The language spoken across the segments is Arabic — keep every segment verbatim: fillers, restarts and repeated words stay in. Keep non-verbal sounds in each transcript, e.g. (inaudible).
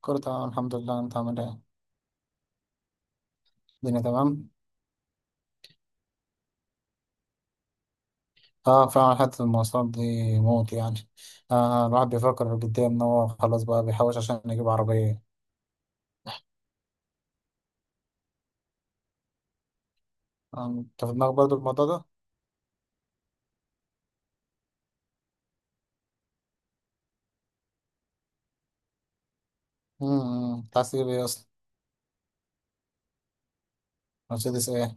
كله تمام الحمد لله. انت عامل ايه؟ الدنيا تمام. اه فعلا حتة المواصلات دي موت يعني. آه الواحد بيفكر جديا ان هو خلاص بقى بيحوش عشان يجيب عربية. آه، انت في دماغك برضه الموضوع ده؟ امم انت عايز تجيب ايه اصلا؟ مرسيدس ايه؟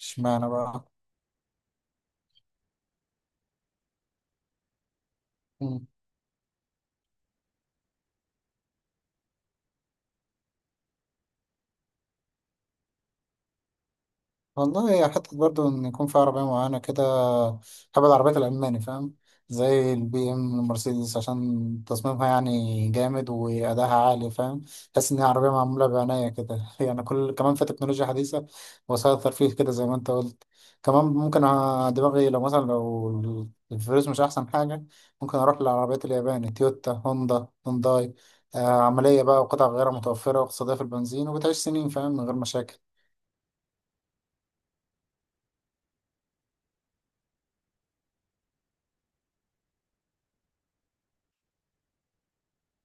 اشمعنى بقى؟ والله هي حتة برضو إن يكون في عربية معينة كده. بحب العربيات الألماني، فاهم؟ زي البي إم المرسيدس، عشان تصميمها يعني جامد وأداها عالي، فاهم؟ تحس إن هي عربية معمولة بعناية كده (laughs) يعني، كل كمان في تكنولوجيا حديثة، وسائل ترفيه كده زي ما أنت قلت. كمان ممكن أ- دماغي، لو مثلا لو الفلوس مش أحسن حاجة، ممكن أروح للعربيات الياباني: تويوتا، هوندا، هونداي. آه، عملية بقى، وقطع غير متوفرة، واقتصادية في البنزين، وبتعيش سنين فاهم من غير مشاكل.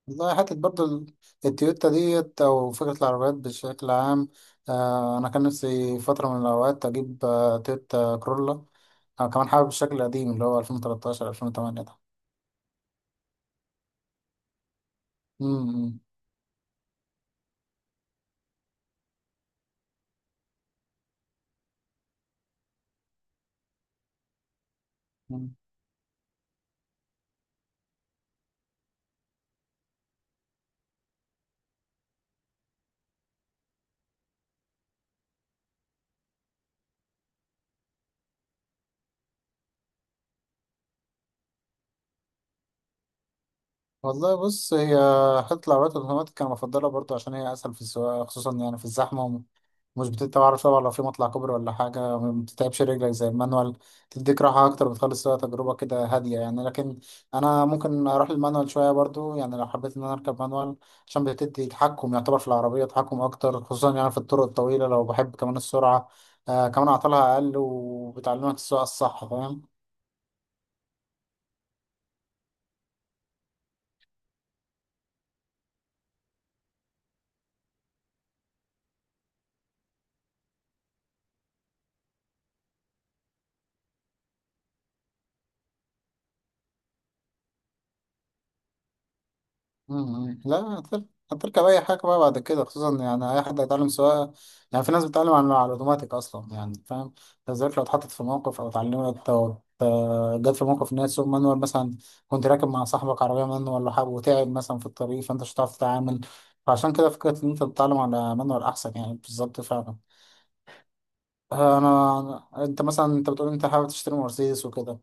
والله حتة برضه ال- التويوتا ديت أو فكرة العربيات بشكل عام. آه أنا كان نفسي فترة من الأوقات أجيب آه تويوتا كرولا. أنا كمان حابب الشكل القديم اللي هو الفين وتلتاشر الفين وتمنية ده. مم، مم. والله بص، هي حتة العربيات الأوتوماتيك أنا بفضلها برضه، عشان هي أسهل في السواقة خصوصا يعني في الزحمة. مش بتبقى عارف طبعا لو في مطلع كوبري ولا حاجة ما بتتعبش رجلك زي المانوال. تديك راحة أكتر، بتخلص فيها تجربة كده هادية يعني. لكن أنا ممكن أروح المانوال شوية برضو، يعني لو حبيت إن أنا أركب مانوال عشان بتدي تحكم، يعتبر في العربية تحكم أكتر خصوصا يعني في الطرق الطويلة، لو بحب كمان السرعة. آه كمان أعطالها أقل وبتعلمك السواقة الصح، فاهم؟ مم. لا هتر- هتركب اي حاجه بقى بعد كده، خصوصا يعني اي حد هيتعلم سواقه. يعني في ناس بتتعلم على على الاوتوماتيك اصلا يعني، فاهم؟ بالذات لو اتحطت في موقف، او اتعلمت، او ت- جت في موقف ان هي تسوق مانوال مثلا. كنت راكب مع صاحبك عربيه مانوال ولا حاجه، وتعب مثلا في الطريق، فانت مش هتعرف تتعامل. فعشان كده فكره ان انت تتعلم على مانوال احسن يعني، بالظبط فعلا. آه، انا، انت مثلا انت بتقول انت حابب تشتري مرسيدس وكده.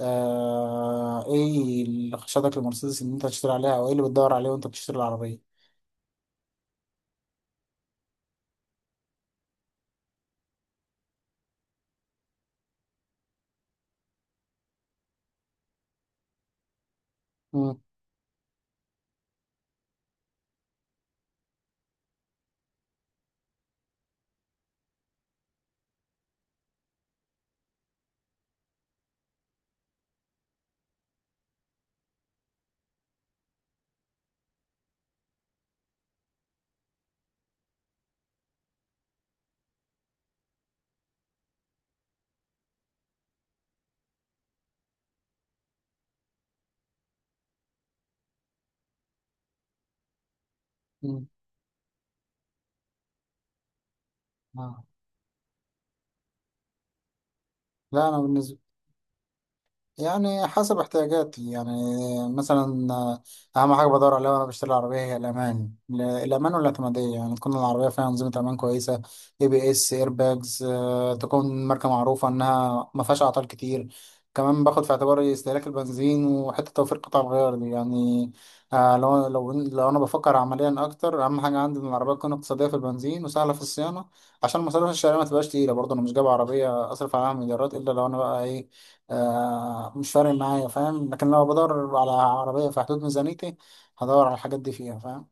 آه... ايه اللي خشتك لمرسيدس ان انت تشتري عليها، او ايه اللي بتدور عليه وانت بتشتري العربيه؟ مم. مم. آه. لا انا بالنسبه يعني حسب احتياجاتي يعني. مثلا آه، اهم حاجه بدور عليها وانا بشتري العربيه هي الامان، ال- الامان والاعتماديه، يعني تكون العربيه فيها انظمه امان كويسه: اي بي اس، اير باجز، تكون ماركه معروفه انها ما فيهاش اعطال كتير. كمان باخد في اعتباري استهلاك البنزين وحته توفير قطع الغيار دي يعني. آه، لو لو لو انا بفكر عمليا اكتر، اهم حاجه عندي ان العربيه تكون اقتصاديه في البنزين وسهله في الصيانه، عشان مصاريف الشارع ما تبقاش تقيله. برضه انا مش جايب عربيه اصرف عليها مليارات، الا لو انا بقى ايه، آه مش فارق معايا فاهم. لكن لو بدور على عربية في حدود ميزانيتي هدور على الحاجات دي فيها، فاهم؟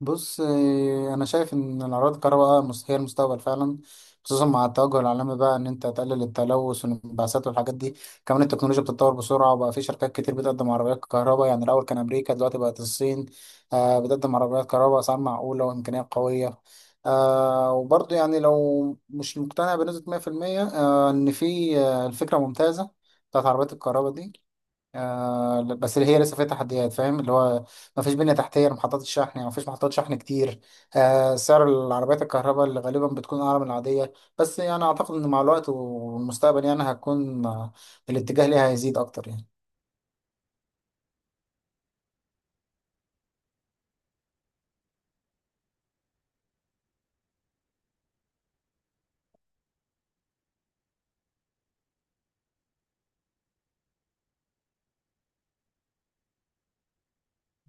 بص إيه، انا شايف ان الاراضي الكهرباء مس- هي المستقبل فعلا، خصوصا مع التوجه العالمي بقى ان انت تقلل التلوث والانبعاثات والحاجات دي. كمان التكنولوجيا بتتطور بسرعه، وبقى في شركات كتير بتقدم عربيات كهرباء. يعني الاول كان امريكا، دلوقتي بقت الصين آه بتقدم عربيات كهرباء اسعار معقوله وامكانيات قويه. آه وبرضه يعني لو مش مقتنع بنسبه مية في المية، آه ان في آه الفكره ممتازه بتاعت عربيات الكهرباء دي، آه بس هي لسه فيها تحديات فاهم، اللي هو ما فيش بنية تحتية لمحطات الشحن، يعني ما فيش محطات شحن كتير. آه سعر العربيات الكهرباء اللي غالبا بتكون أعلى من العادية، بس يعني أعتقد إن مع الوقت والمستقبل يعني هتكون آه الاتجاه ليها هيزيد أكتر يعني.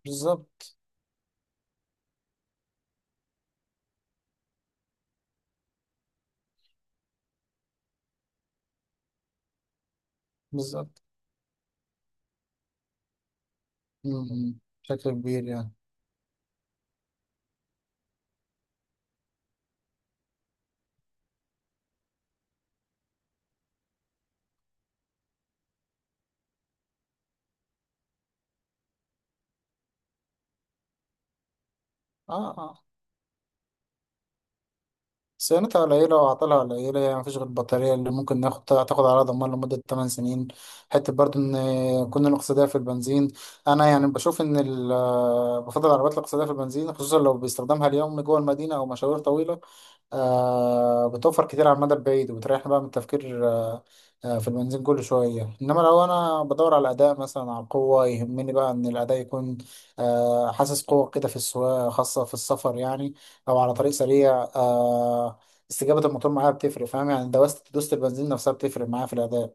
بالظبط، بالظبط. م- م. بشكل كبير يعني. اه، آه، صيانتها قليلة وعطلها قليلة، يعني مفيش غير البطارية اللي ممكن ناخد تاخد على ضمان لمدة 8 سنين. حتة برضو إن كنا نقصدها في البنزين، أنا يعني بشوف إن ال- بفضل العربيات الاقتصادية في البنزين، خصوصا لو باستخدامها اليومي جوه المدينة أو مشاوير طويلة. آه بتوفر كتير على المدى البعيد، وبتريحنا بقى من التفكير آه آه في البنزين كل شوية. إنما لو أنا بدور على الأداء، مثلا على القوة يهمني بقى إن الأداء يكون آه حاسس قوة كده في السواقة، خاصة في السفر يعني، أو على طريق سريع. آه استجابة الموتور معايا بتفرق، فاهم؟ يعني دوست دوست البنزين نفسها بتفرق معايا في الأداء.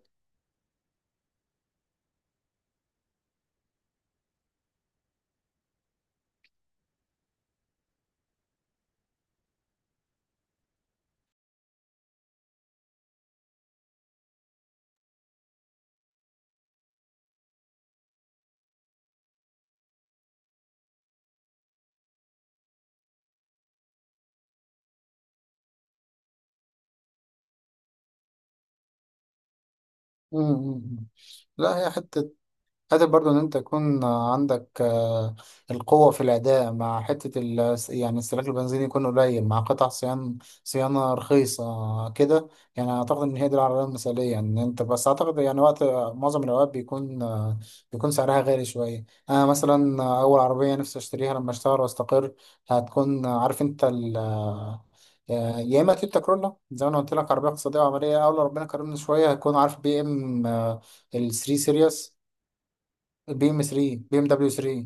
مم، مم، مم. لا هي حتة قادر برضو ان انت يكون عندك آه، القوة في الأداء مع حتة ال يعني استهلاك البنزين يكون قليل، مع قطع صيانة، صيانة رخيصة كده. يعني أعتقد إن هي دي العربية المثالية، إن أنت بس أعتقد يعني، وقت معظم الأوقات بيكون آه، بيكون سعرها غالي شوية. أنا مثلا أول عربية نفسي أشتريها لما أشتغل وأستقر هتكون، عارف أنت، ال آه، يا إما تويوتا كرولا زي ما أنا قلت لك، عربية اقتصادية وعملية، أو لو ربنا كرمني شوية هتكون عارف بي إم، آه، ال الثلاث سيريس. بي ام تلاتة، بي ام دبليو تلاتة.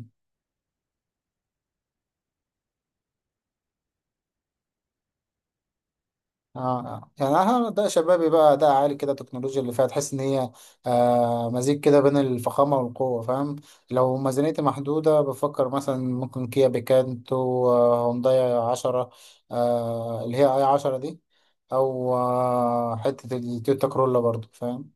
اه آه. يعني اه ده شبابي بقى، ده عالي كده التكنولوجيا اللي فيها، تحس ان هي آه مزيج كده بين الفخامه والقوه، فاهم؟ لو ميزانيتي محدوده بفكر مثلا ممكن كيا بيكانتو، آه هونداي عشرة، آه اللي هي اي عشرة دي، او آه حته التويوتا كرولا برضو، فاهم؟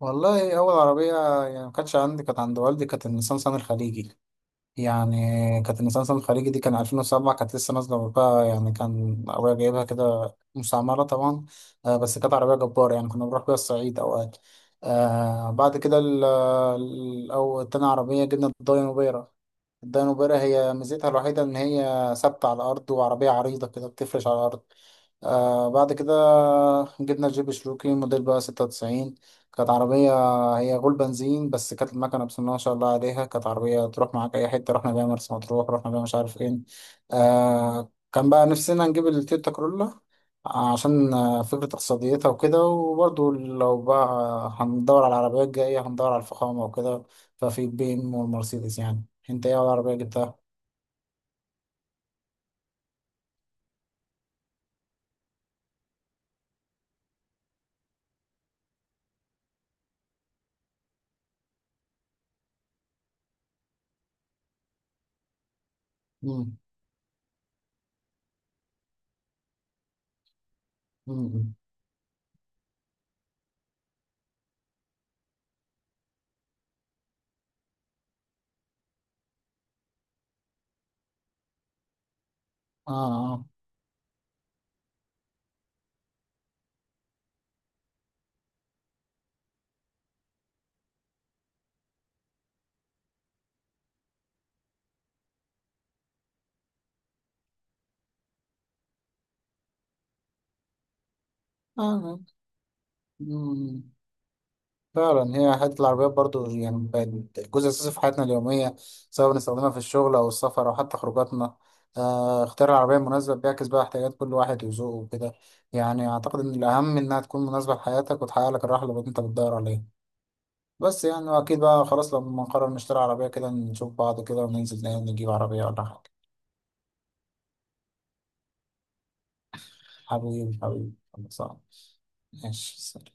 والله اول عربيه يعني ما كانتش عندي، كانت عند والدي، كانت النيسان صني الخليجي يعني. كانت المسلسل الخليجي دي كان الفين وسبعة، كانت لسه نازلة بقى، يعني كان أبويا جايبها كده مستعمرة طبعا. آه، بس كانت عربية جبارة، يعني كنا بنروح بيها الصعيد أوقات. آه بعد كده ال ال- أو تاني عربية جبنا الداينو بيرة، الدانوبرا. هي ميزتها الوحيدة إن هي ثابتة على الأرض، وعربية عريضة كده بتفرش على الأرض. آه بعد كده جبنا الجيب شروكي موديل بقى ستة وتسعين. كانت عربية هي غول بنزين، بس كانت المكنة بسم الله ما شاء الله عليها، كانت عربية تروح معاك أي حتة. رحنا بيها مرسى مطروح، رحنا بيها مش عارف فين. آه كان بقى نفسنا نجيب التويوتا كرولا عشان آه، فكرة اقتصاديتها وكده. وبرضه لو بقى هندور على العربيات الجاية هندور على الفخامة وكده، ففي البي ام والمرسيدس يعني. انت ايه اول عربية جبتها؟ مم. مم. اه اه آه. آه. مم. فعلا هي حتة العربيات برضو يعني بقت جزء أساسي في حياتنا اليومية، سواء بنستخدمها في الشغل أو السفر أو حتى خروجاتنا. آه اختيار العربية المناسبة بيعكس بقى احتياجات كل واحد وذوقه وكده. يعني أعتقد إن الأهم إنها تكون مناسبة لحياتك وتحقق لك الراحة اللي أنت بتدور عليها. بس يعني، وأكيد بقى خلاص لما نقرر نشتري عربية كده نشوف بعض كده وننزل نجيب عربية ولا حاجة. حبيبي حبيبي خلاص. ماشي.